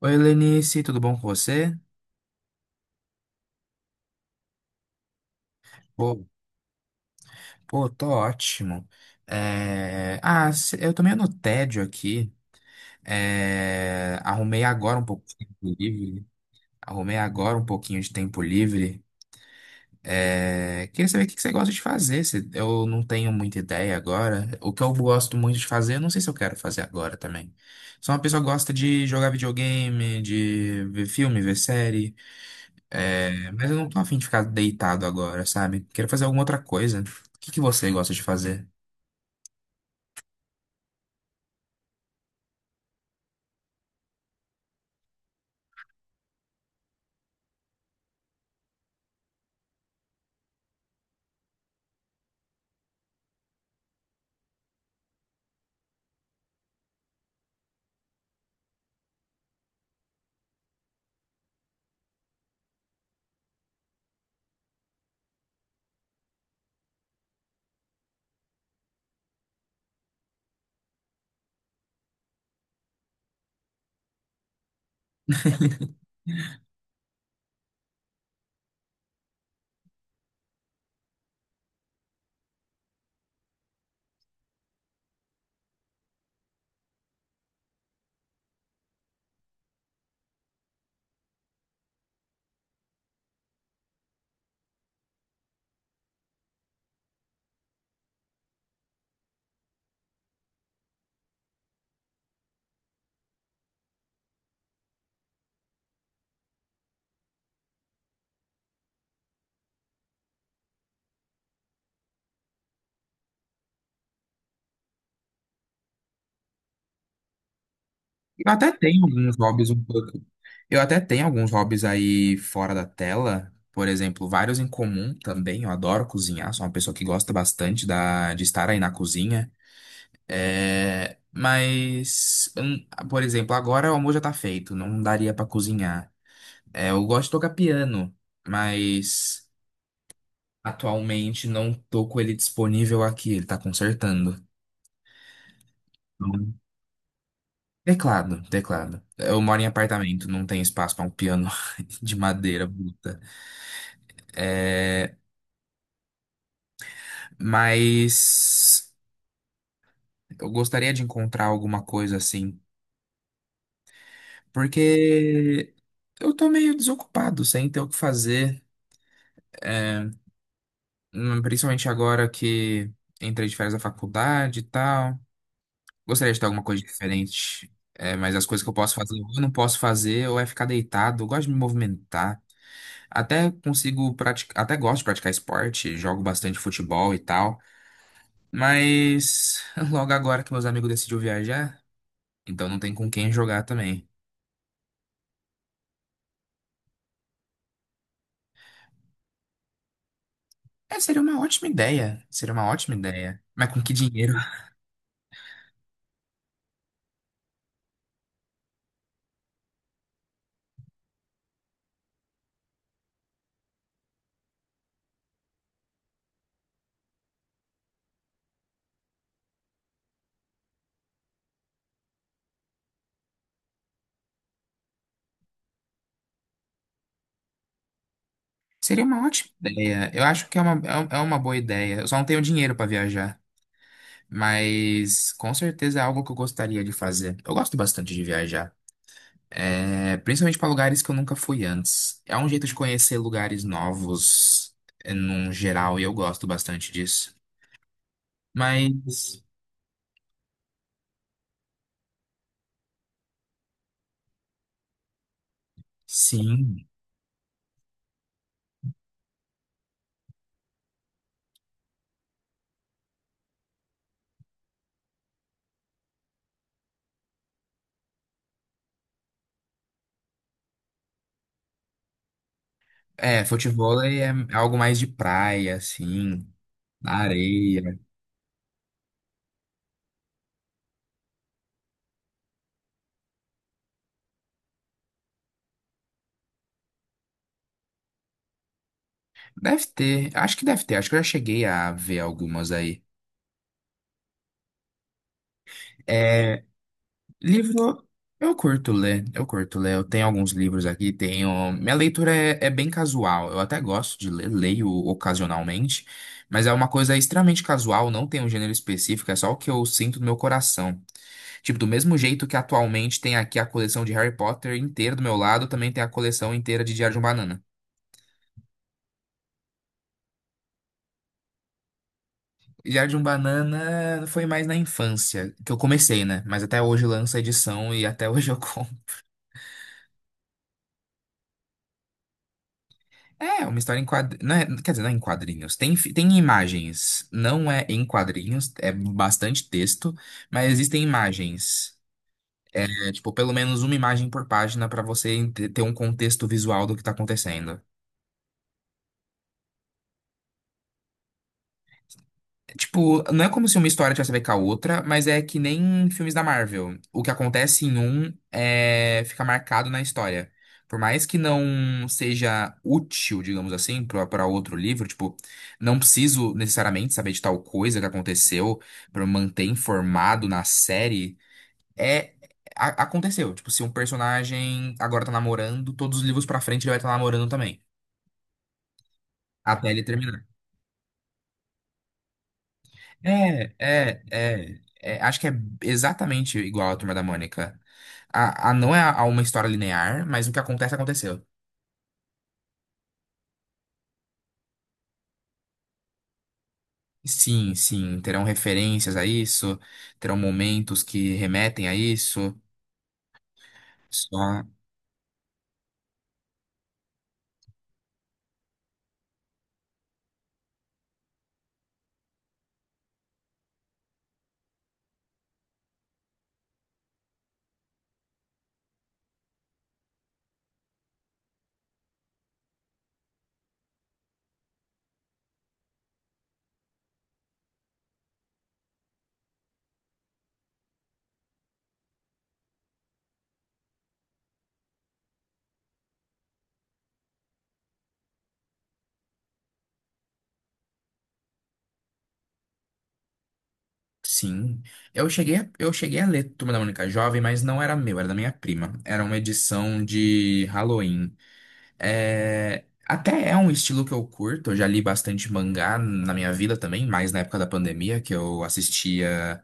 Oi, Lenice, tudo bom com você? Pô, pô, tô ótimo. Eu tô meio no tédio aqui. Arrumei agora um pouco de tempo livre. Arrumei agora um pouquinho de tempo livre. Queria saber o que que você gosta de fazer. Eu não tenho muita ideia agora. O que eu gosto muito de fazer, eu não sei se eu quero fazer agora também. Sou uma pessoa que gosta de jogar videogame, de ver filme, ver série. É, mas eu não tô afim de ficar deitado agora, sabe? Quero fazer alguma outra coisa. O que que você gosta de fazer? Eu até tenho alguns hobbies um pouco. Eu até tenho alguns hobbies aí fora da tela. Por exemplo, vários em comum também. Eu adoro cozinhar, sou uma pessoa que gosta bastante de estar aí na cozinha. É, mas, por exemplo, agora o almoço já tá feito, não daria pra cozinhar. É, eu gosto de tocar piano, mas. Atualmente não tô com ele disponível aqui, ele tá consertando. Então, Teclado. Eu moro em apartamento, não tem espaço para um piano de madeira bruta. É, mas eu gostaria de encontrar alguma coisa assim, porque eu tô meio desocupado, sem ter o que fazer, principalmente agora que entrei de férias da faculdade e tal. Gostaria de ter alguma coisa diferente. É, mas as coisas que eu posso fazer, ou eu não posso fazer, ou é ficar deitado. Eu gosto de me movimentar. Até consigo praticar, até gosto de praticar esporte, jogo bastante futebol e tal. Mas logo agora que meus amigos decidiram viajar, então não tem com quem jogar também. É, seria uma ótima ideia. Seria uma ótima ideia. Mas com que dinheiro? Seria uma ótima ideia. Eu acho que é uma boa ideia. Eu só não tenho dinheiro para viajar. Mas com certeza é algo que eu gostaria de fazer. Eu gosto bastante de viajar. É, principalmente para lugares que eu nunca fui antes. É um jeito de conhecer lugares novos, é, num geral, e eu gosto bastante disso. Mas, sim. É, futevôlei é algo mais de praia, assim, na areia. Deve ter, acho que deve ter, acho que eu já cheguei a ver algumas aí. É, Livro, eu curto ler. Eu tenho alguns livros aqui, tenho. Minha leitura é bem casual. Eu até gosto de ler, leio ocasionalmente, mas é uma coisa extremamente casual, não tem um gênero específico, é só o que eu sinto no meu coração. Tipo, do mesmo jeito que atualmente tem aqui a coleção de Harry Potter inteira do meu lado, também tem a coleção inteira de Diário de um Banana. Diário de um Banana foi mais na infância, que eu comecei, né? Mas até hoje lança edição e até hoje eu compro. É, uma história em quadrinhos. Quer dizer, não é em quadrinhos. Tem imagens. Não é em quadrinhos, é bastante texto, mas existem imagens. É, tipo, pelo menos uma imagem por página para você ter um contexto visual do que tá acontecendo. Tipo, não é como se uma história tivesse a ver com a outra, mas é que nem filmes da Marvel. O que acontece em um fica marcado na história. Por mais que não seja útil, digamos assim, para outro livro, tipo, não preciso necessariamente saber de tal coisa que aconteceu para manter informado na série. É, aconteceu. Tipo, se um personagem agora tá namorando, todos os livros pra frente ele vai estar namorando também, até ele terminar. Acho que é exatamente igual a Turma da Mônica. Não é a uma história linear, mas o que acontece, aconteceu. Sim, sim, terão referências a isso, terão momentos que remetem a isso. Só, sim. Eu cheguei a ler Turma da Mônica Jovem, mas não era meu, era da minha prima. Era uma edição de Halloween. É, até é um estilo que eu curto, eu já li bastante mangá na minha vida também, mais na época da pandemia, que eu assistia.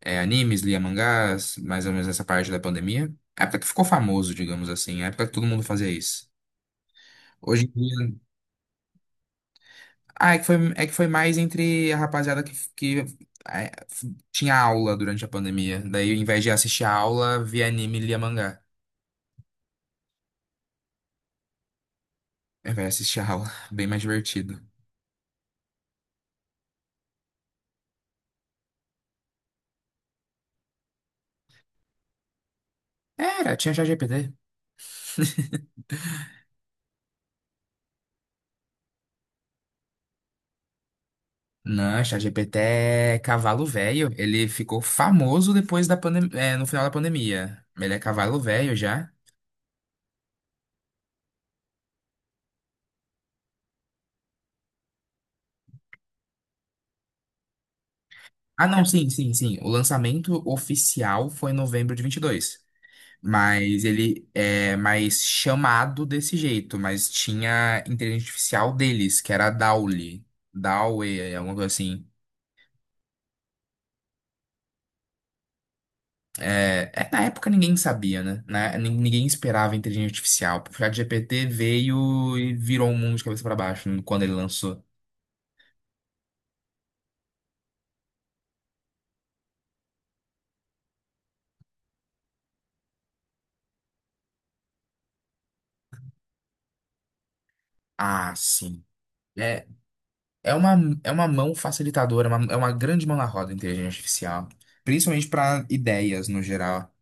É, animes, lia mangás, mais ou menos nessa parte da pandemia. A época que ficou famoso, digamos assim, a época que todo mundo fazia isso. Hoje em dia. Ah, é que foi mais entre a rapaziada que tinha aula durante a pandemia. Daí, ao invés de assistir a aula, via anime e lia mangá. Ao invés de assistir a aula, bem mais divertido. Era, tinha ChatGPT. Não, ChatGPT é cavalo velho. Ele ficou famoso depois da pandemia, no final da pandemia. Ele é cavalo velho já. Ah, não, sim, sim, sim. O lançamento oficial foi em novembro de 22, mas ele é mais chamado desse jeito. Mas tinha inteligência artificial deles, que era a Dali. Dali, alguma coisa assim. É, é, na época ninguém sabia, né? Ninguém esperava inteligência artificial. Porque a GPT veio e virou o mundo de cabeça para baixo quando ele lançou. Ah, sim. É, É uma, é uma grande mão na roda, a inteligência artificial. Principalmente para ideias no geral.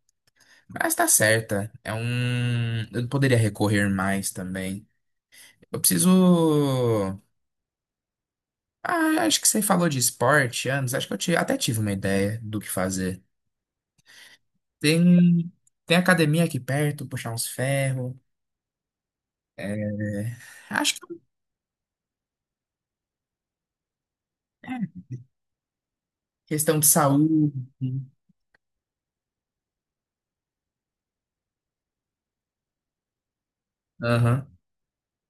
Mas tá certa. É um. Eu poderia recorrer mais também. Eu preciso. Ah, acho que você falou de esporte antes. Acho que até tive uma ideia do que fazer. Tem, tem academia aqui perto, puxar uns ferros. É, Acho que é questão de saúde. Né? Aham.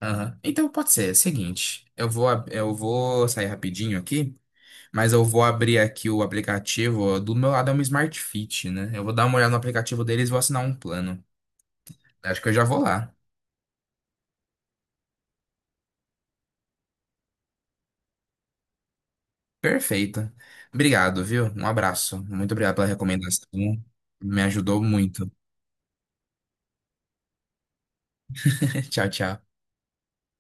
Aham. Então pode ser, é o seguinte, eu vou sair rapidinho aqui, mas eu vou abrir aqui o aplicativo, do meu lado é um Smart Fit, né? Eu vou dar uma olhada no aplicativo deles e vou assinar um plano. Acho que eu já vou lá. Perfeito. Obrigado, viu? Um abraço. Muito obrigado pela recomendação. Me ajudou muito. Tchau, tchau.